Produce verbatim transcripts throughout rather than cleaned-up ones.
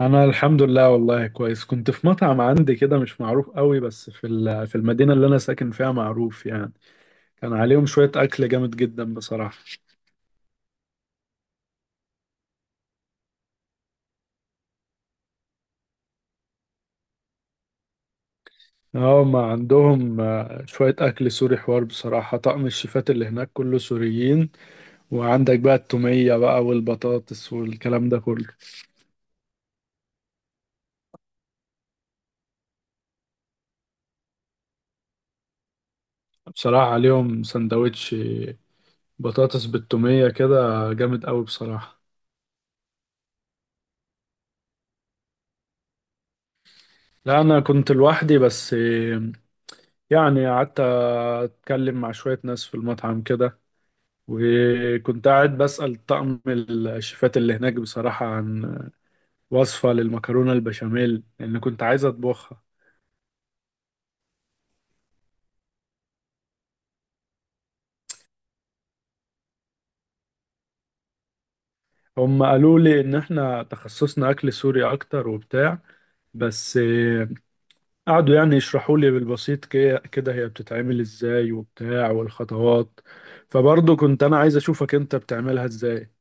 انا الحمد لله، والله كويس. كنت في مطعم عندي كده مش معروف قوي، بس في ال- في المدينة اللي انا ساكن فيها معروف يعني. كان عليهم شوية اكل جامد جدا بصراحة. اه، ما عندهم آه، شوية اكل سوري. حوار بصراحة، طقم الشيفات اللي هناك كله سوريين. وعندك بقى التومية بقى والبطاطس والكلام ده كله. بصراحة عليهم سندوتش بطاطس بالتومية كده، جامد قوي بصراحة. لا، انا كنت لوحدي بس. يعني قعدت اتكلم مع شوية ناس في المطعم كده. وكنت قاعد بسأل طقم الشيفات اللي هناك بصراحة عن وصفة للمكرونة البشاميل، لأن كنت عايز أطبخها. هم قالوا لي إن إحنا تخصصنا أكل سوري أكتر وبتاع. بس آه، قعدوا يعني يشرحوا لي بالبسيط كي- كده هي بتتعمل إزاي وبتاع والخطوات. فبرضه كنت أنا عايز أشوفك أنت بتعملها إزاي.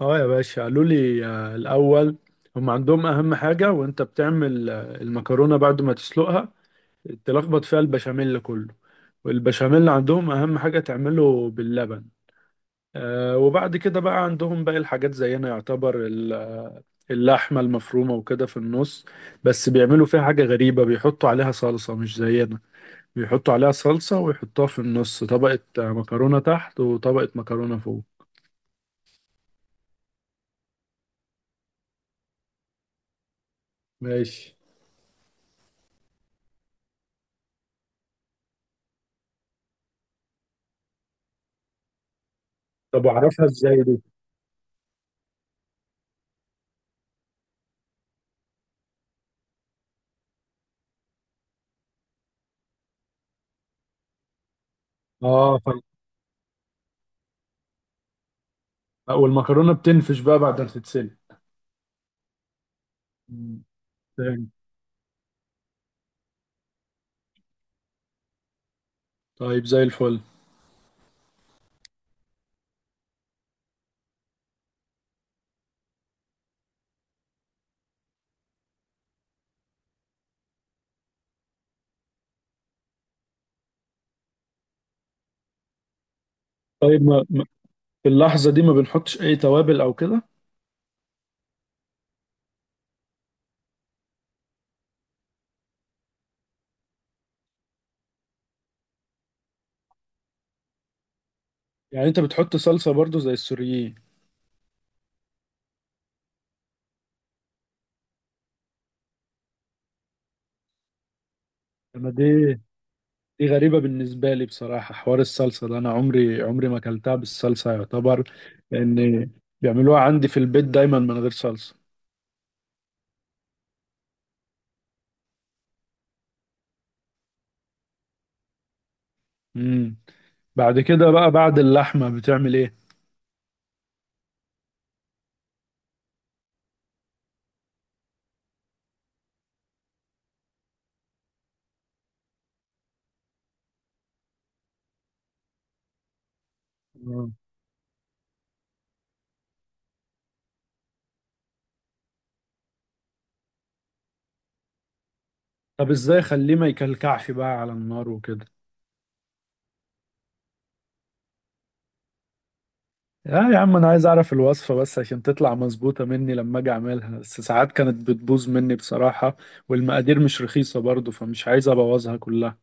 اه يا باشا، قالوا لي آه، الاول هم عندهم اهم حاجه، وانت بتعمل آه، المكرونه بعد ما تسلقها تلخبط فيها البشاميل كله. والبشاميل عندهم اهم حاجه تعمله باللبن. آه، وبعد كده بقى عندهم باقي الحاجات زينا، يعتبر ال- اللحمه المفرومه وكده في النص. بس بيعملوا فيها حاجه غريبه، بيحطوا عليها صلصه مش زينا. بيحطوا عليها صلصه ويحطوها في النص طبقه آه، مكرونه تحت وطبقه مكرونه فوق. ماشي. طب اعرفها ازاي دي؟ اه. لا، والمكرونه بتنفش بقى بعد ما تتسلق. مم. تمام. طيب زي الفل. طيب، ما ما- في اللحظه دي ما بنحطش اي توابل او كده؟ يعني انت بتحط صلصه برضو زي السوريين؟ انا دي دي غريبه بالنسبه لي بصراحه. حوار الصلصه ده انا عمري عمري ما اكلتها بالصلصه يعتبر. لان بيعملوها عندي في البيت دايما من غير صلصه. امم بعد كده بقى بعد اللحمه بتعمل ايه؟ آه. طب ازاي اخليه ما يكلكعش بقى على النار وكده؟ اه يا عم، انا عايز اعرف الوصفة بس عشان تطلع مظبوطة مني لما اجي اعملها، بس ساعات كانت بتبوظ مني بصراحة. والمقادير مش رخيصة برضو، فمش عايز ابوظها كلها.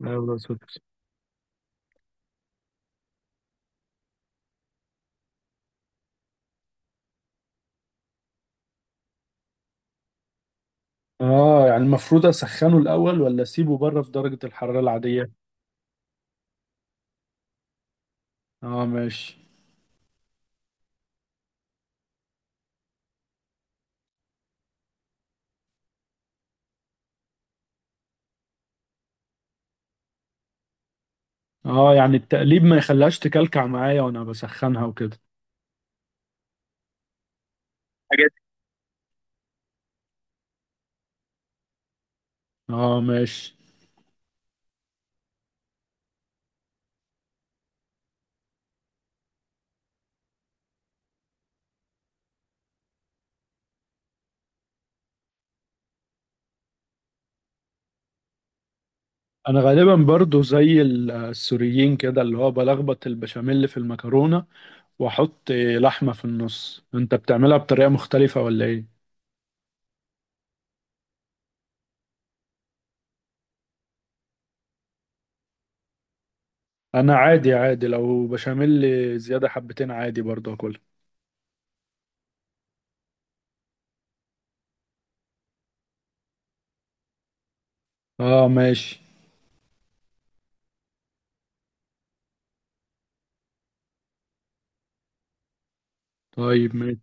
لا والله صدق. اه، يعني المفروض اسخنه الاول ولا اسيبه بره في درجة الحرارة العادية؟ اه ماشي. اه يعني التقليب ما يخليهاش تكلكع معايا وانا بسخنها وكده. حاجات. اه ماشي. انا غالبا برضو زي السوريين كده، اللي هو بلخبط البشاميل في المكرونة واحط لحمة في النص. انت بتعملها بطريقة مختلفة ولا ايه؟ انا عادي عادي، لو بشاميل زيادة حبتين عادي برضه اكلها. اه ماشي. طيب ماشي.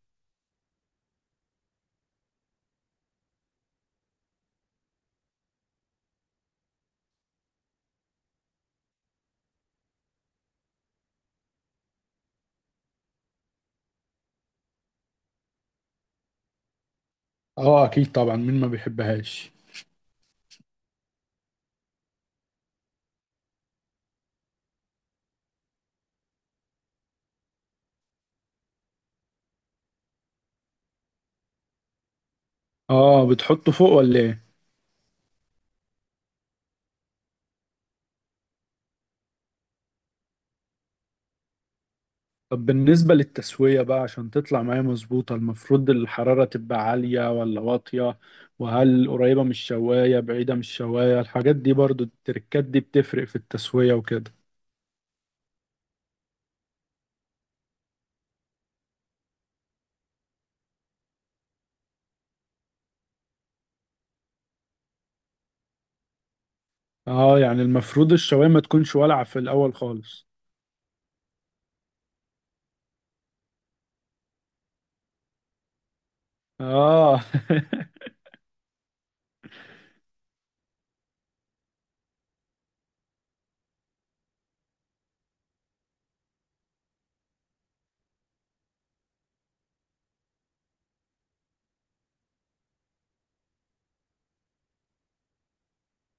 اه اكيد طبعا، مين ما بيحبهاش. اه بتحطه فوق ولا ايه؟ طب بالنسبة للتسوية بقى عشان تطلع معايا مظبوطة، المفروض الحرارة تبقى عالية ولا واطية؟ وهل قريبة من الشواية بعيدة من الشواية؟ الحاجات دي برضو التركات دي بتفرق في التسوية وكده. اه يعني المفروض الشواية ما تكونش والعة في الأول خالص. اه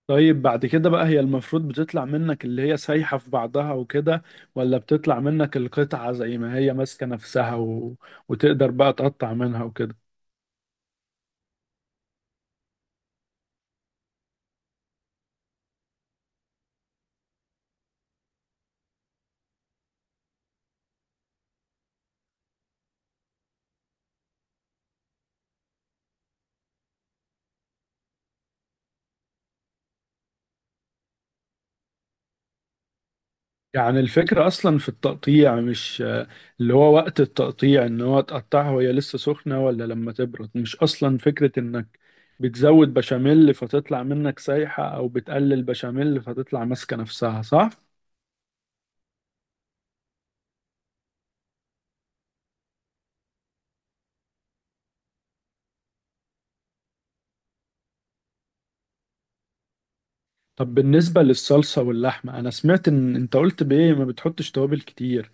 طيب بعد كده بقى، هي المفروض بتطلع منك اللي هي سايحة في بعضها وكده، ولا بتطلع منك القطعة زي ما هي ماسكة نفسها و... وتقدر بقى تقطع منها وكده؟ يعني الفكرة أصلا في التقطيع مش آه، اللي هو وقت التقطيع إن هو تقطعها وهي لسه سخنة ولا لما تبرد؟ مش أصلا فكرة إنك بتزود بشاميل فتطلع منك سايحة أو بتقلل بشاميل فتطلع ماسكة نفسها، صح؟ طب بالنسبة للصلصة واللحمة، أنا سمعت إن أنت قلت بإيه ما بتحطش توابل كتير.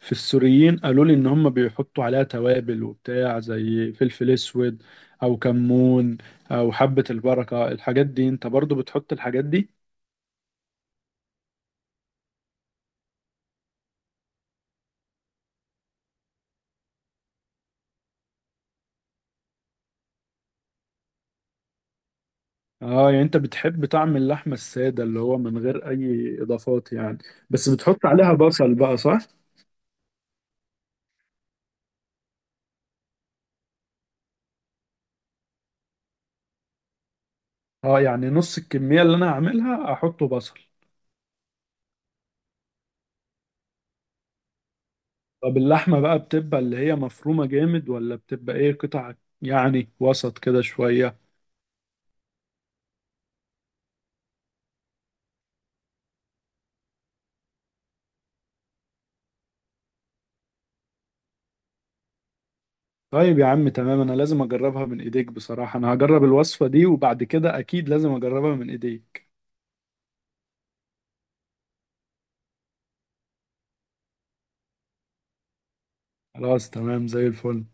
في السوريين قالوا لي إن هم بيحطوا عليها توابل وبتاع زي فلفل أسود أو كمون أو حبة البركة. الحاجات دي أنت برضو بتحط الحاجات دي؟ آه يعني أنت بتحب طعم اللحمة السادة اللي هو من غير أي إضافات يعني. بس بتحط عليها بصل بقى، صح؟ آه يعني نص الكمية اللي أنا هعملها أحطه بصل. طب اللحمة بقى بتبقى اللي هي مفرومة جامد ولا بتبقى ايه قطع؟ يعني وسط كده شوية. طيب يا عم تمام، انا لازم اجربها من ايديك بصراحة. انا هجرب الوصفة دي وبعد كده اكيد لازم اجربها من ايديك. خلاص تمام زي الفل.